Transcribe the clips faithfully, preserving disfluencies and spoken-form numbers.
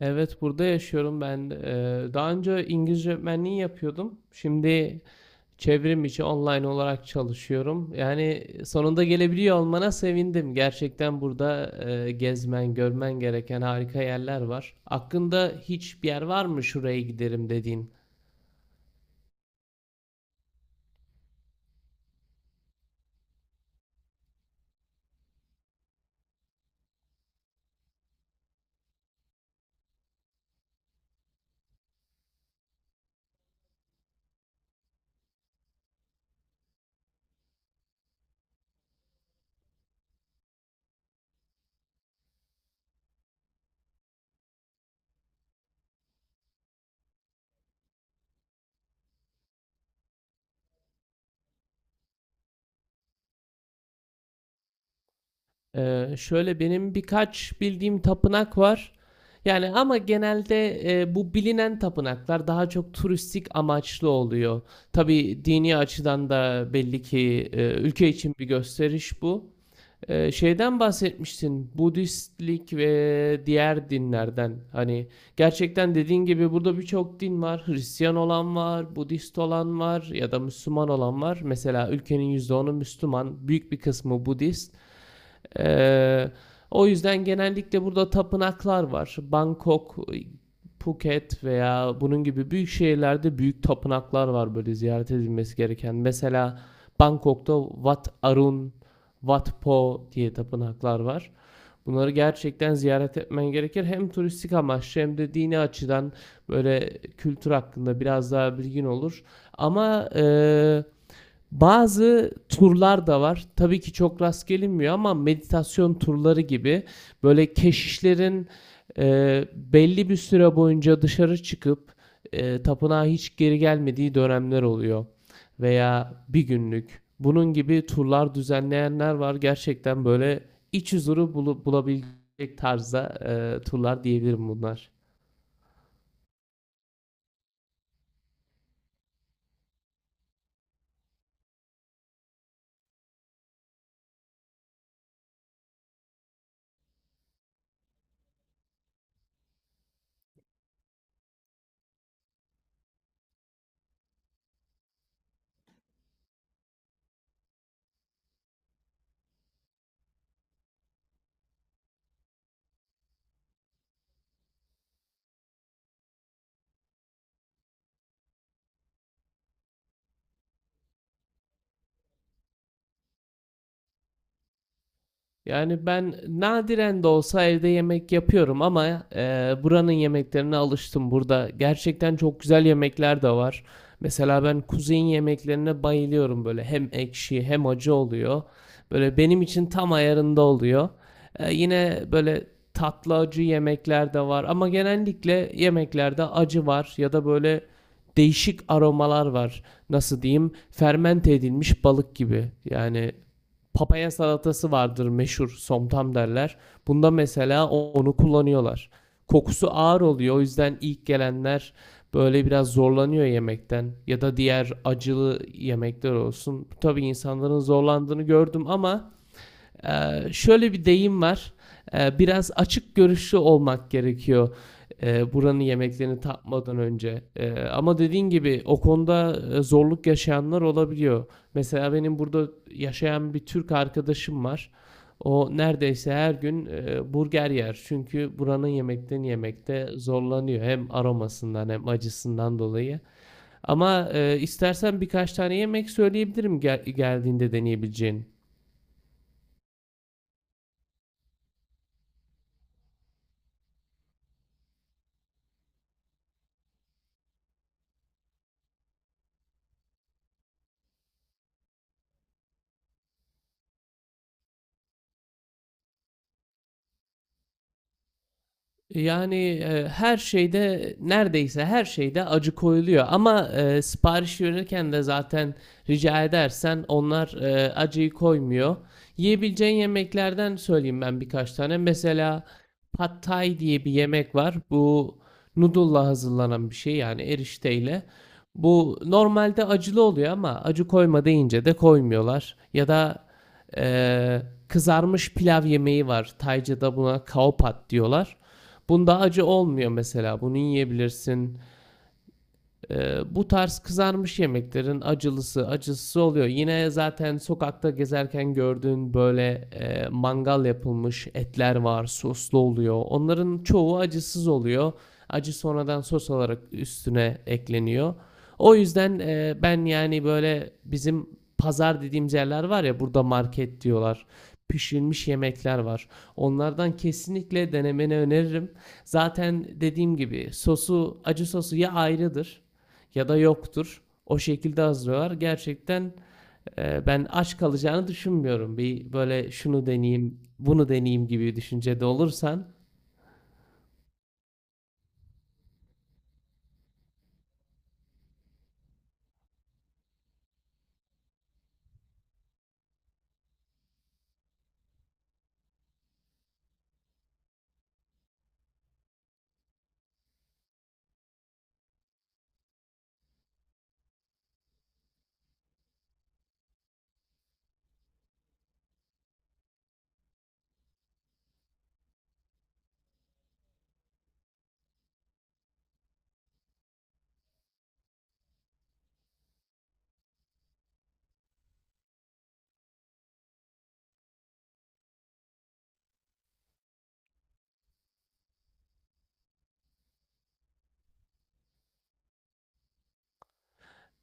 Evet, burada yaşıyorum ben. Eee, daha önce İngilizce öğretmenliği yapıyordum. Şimdi çevrim içi online olarak çalışıyorum. Yani sonunda gelebiliyor olmana sevindim. Gerçekten burada eee, gezmen, görmen gereken harika yerler var. Aklında hiçbir yer var mı şuraya giderim dediğin? Eee, şöyle benim birkaç bildiğim tapınak var. Yani ama genelde eee, bu bilinen tapınaklar daha çok turistik amaçlı oluyor. Tabii dini açıdan da belli ki eee, ülke için bir gösteriş bu. Eee, şeyden bahsetmiştin, Budistlik ve diğer dinlerden. Hani gerçekten dediğin gibi burada birçok din var. Hristiyan olan var, Budist olan var ya da Müslüman olan var. Mesela ülkenin yüzde onu Müslüman, büyük bir kısmı Budist. Ee, o yüzden genellikle burada tapınaklar var. Bangkok, Phuket veya bunun gibi büyük şehirlerde büyük tapınaklar var böyle ziyaret edilmesi gereken. Mesela Bangkok'ta Wat Arun, Wat Po diye tapınaklar var. Bunları gerçekten ziyaret etmen gerekir. Hem turistik amaçlı hem de dini açıdan böyle kültür hakkında biraz daha bilgin olur. Ama eee bazı turlar da var. Tabii ki çok rast gelinmiyor ama meditasyon turları gibi böyle keşişlerin e, belli bir süre boyunca dışarı çıkıp e, tapınağa hiç geri gelmediği dönemler oluyor. Veya bir günlük. Bunun gibi turlar düzenleyenler var. Gerçekten böyle iç huzuru bulu- bulabilecek tarzda e, turlar diyebilirim bunlar. Yani ben nadiren de olsa evde yemek yapıyorum ama e, buranın yemeklerine alıştım. Burada gerçekten çok güzel yemekler de var. Mesela ben kuzey'in yemeklerine bayılıyorum böyle hem ekşi hem acı oluyor. Böyle benim için tam ayarında oluyor. E, yine böyle tatlı acı yemekler de var ama genellikle yemeklerde acı var ya da böyle değişik aromalar var. Nasıl diyeyim? Fermente edilmiş balık gibi. Yani papaya salatası vardır meşhur somtam derler. Bunda mesela onu kullanıyorlar. Kokusu ağır oluyor o yüzden ilk gelenler böyle biraz zorlanıyor yemekten ya da diğer acılı yemekler olsun. Tabii insanların zorlandığını gördüm ama ee, şöyle bir deyim var. Ee, biraz açık görüşlü olmak gerekiyor. e, buranın yemeklerini tatmadan önce. Ee, ama dediğin gibi o konuda e, zorluk yaşayanlar olabiliyor. Mesela benim burada yaşayan bir Türk arkadaşım var. O neredeyse her gün e, burger yer. Çünkü buranın yemeklerini yemekte zorlanıyor. Hem aromasından hem acısından dolayı. Ama e, istersen birkaç tane yemek söyleyebilirim gel- geldiğinde deneyebileceğin. Yani, eee, her şeyde, neredeyse her şeyde acı koyuluyor ama, eee, sipariş verirken de zaten rica edersen onlar, eee, acıyı koymuyor. Yiyebileceğin yemeklerden söyleyeyim ben birkaç tane. Mesela Pad Thai diye bir yemek var. Bu noodle'la hazırlanan bir şey, yani erişteyle. Bu normalde acılı oluyor ama acı koyma deyince de koymuyorlar. Ya da, eee, kızarmış pilav yemeği var. Tayca'da buna Khao Pad diyorlar. Bunda acı olmuyor mesela. Bunu yiyebilirsin. Ee, bu tarz kızarmış yemeklerin acılısı, acısız oluyor. Yine zaten sokakta gezerken gördüğün böyle e, mangal yapılmış etler var, soslu oluyor. Onların çoğu acısız oluyor. Acı sonradan sos olarak üstüne ekleniyor. O yüzden e, ben yani böyle bizim pazar dediğimiz yerler var ya burada market diyorlar. Pişirilmiş yemekler var. Onlardan kesinlikle denemeni öneririm. Zaten dediğim gibi sosu acı sosu ya ayrıdır ya da yoktur. O şekilde hazırlıyorlar. Gerçekten e, ben aç kalacağını düşünmüyorum. Bir böyle şunu deneyeyim, bunu deneyeyim gibi düşüncede olursan.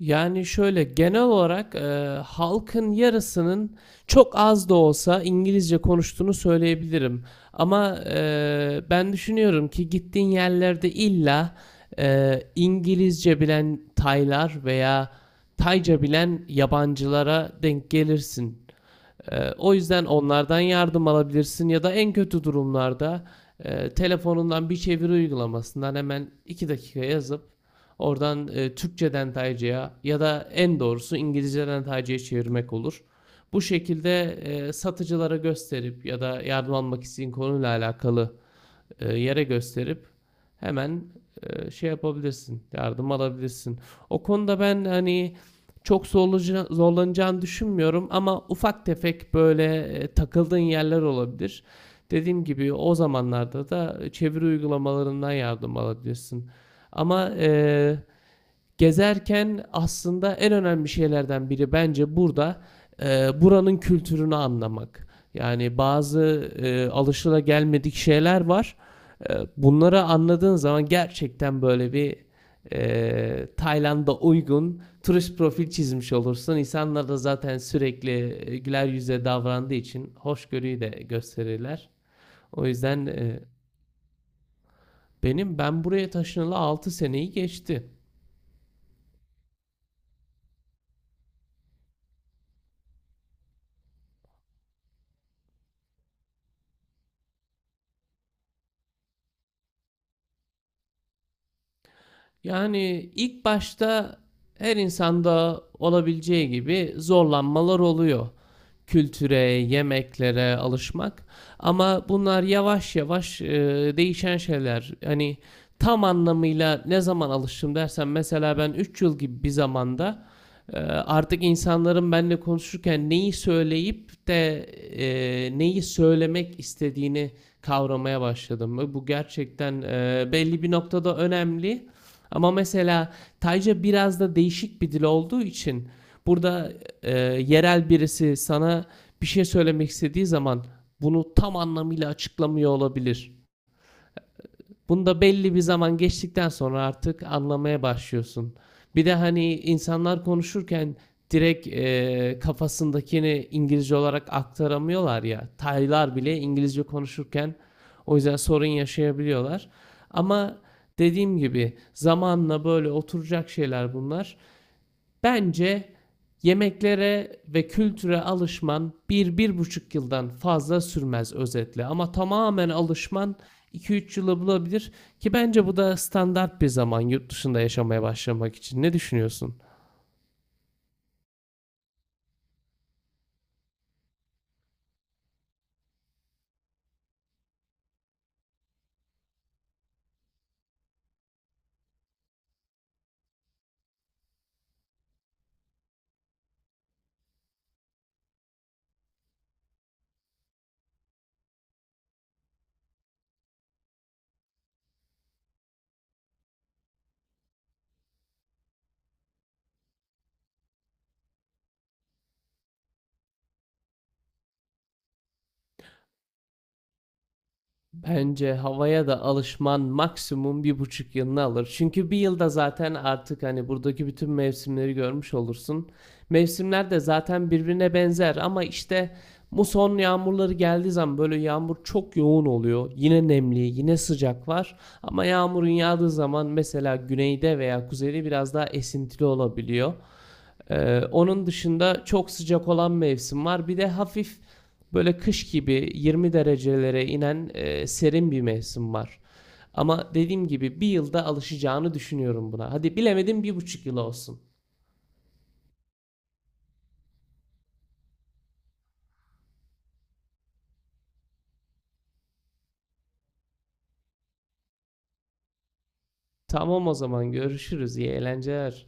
Yani şöyle genel olarak e, halkın yarısının çok az da olsa İngilizce konuştuğunu söyleyebilirim. Ama e, ben düşünüyorum ki gittiğin yerlerde illa e, İngilizce bilen Taylar veya Tayca bilen yabancılara denk gelirsin. Ee, o yüzden onlardan yardım alabilirsin ya da en kötü durumlarda e, telefonundan bir çeviri uygulamasından hemen iki dakika yazıp oradan e, Türkçeden Tayca'ya ya da en doğrusu İngilizceden Tayca'ya çevirmek olur. Bu şekilde e, satıcılara gösterip ya da yardım almak isteyen konuyla alakalı e, yere gösterip hemen e, şey yapabilirsin, yardım alabilirsin. O konuda ben hani çok zorlaca- zorlanacağını düşünmüyorum ama ufak tefek böyle e, takıldığın yerler olabilir. Dediğim gibi o zamanlarda da çeviri uygulamalarından yardım alabilirsin. Ama e, Gezerken aslında en önemli şeylerden biri bence burada e, buranın kültürünü anlamak. Yani bazı e, alışılagelmedik şeyler var. E, bunları anladığın zaman gerçekten böyle bir e, Tayland'a uygun turist profil çizmiş olursun. İnsanlar da zaten sürekli e, güler yüzle davrandığı için hoşgörüyü de gösterirler. O yüzden e, benim ben buraya taşınalı altı seneyi geçti. Yani ilk başta her insanda olabileceği gibi zorlanmalar oluyor. Kültüre, yemeklere alışmak. Ama bunlar yavaş yavaş e, değişen şeyler. Hani tam anlamıyla ne zaman alıştım dersen mesela ben üç yıl gibi bir zamanda e, artık insanların benimle konuşurken neyi söyleyip de e, neyi söylemek istediğini kavramaya başladım. Bu gerçekten e, belli bir noktada önemli. Ama mesela Tayca biraz da değişik bir dil olduğu için burada e, yerel birisi sana bir şey söylemek istediği zaman bunu tam anlamıyla açıklamıyor olabilir. Bunda belli bir zaman geçtikten sonra artık anlamaya başlıyorsun. Bir de hani insanlar konuşurken direkt e, kafasındakini İngilizce olarak aktaramıyorlar ya. Taylar bile İngilizce konuşurken o yüzden sorun yaşayabiliyorlar. Ama dediğim gibi zamanla böyle oturacak şeyler bunlar. Bence yemeklere ve kültüre alışman bir bir buçuk yıldan fazla sürmez özetle. Ama tamamen alışman iki üç yılı bulabilir ki bence bu da standart bir zaman yurt dışında yaşamaya başlamak için. Ne düşünüyorsun? Bence havaya da alışman maksimum bir buçuk yılını alır. Çünkü bir yılda zaten artık hani buradaki bütün mevsimleri görmüş olursun. Mevsimler de zaten birbirine benzer ama işte muson yağmurları geldiği zaman böyle yağmur çok yoğun oluyor. Yine nemli, yine sıcak var. Ama yağmurun yağdığı zaman mesela güneyde veya kuzeyde biraz daha esintili olabiliyor. Ee, onun dışında çok sıcak olan mevsim var. Bir de hafif böyle kış gibi yirmi derecelere inen e, serin bir mevsim var. Ama dediğim gibi bir yılda alışacağını düşünüyorum buna. Hadi bilemedim bir buçuk yıl olsun. Tamam o zaman görüşürüz. İyi eğlenceler.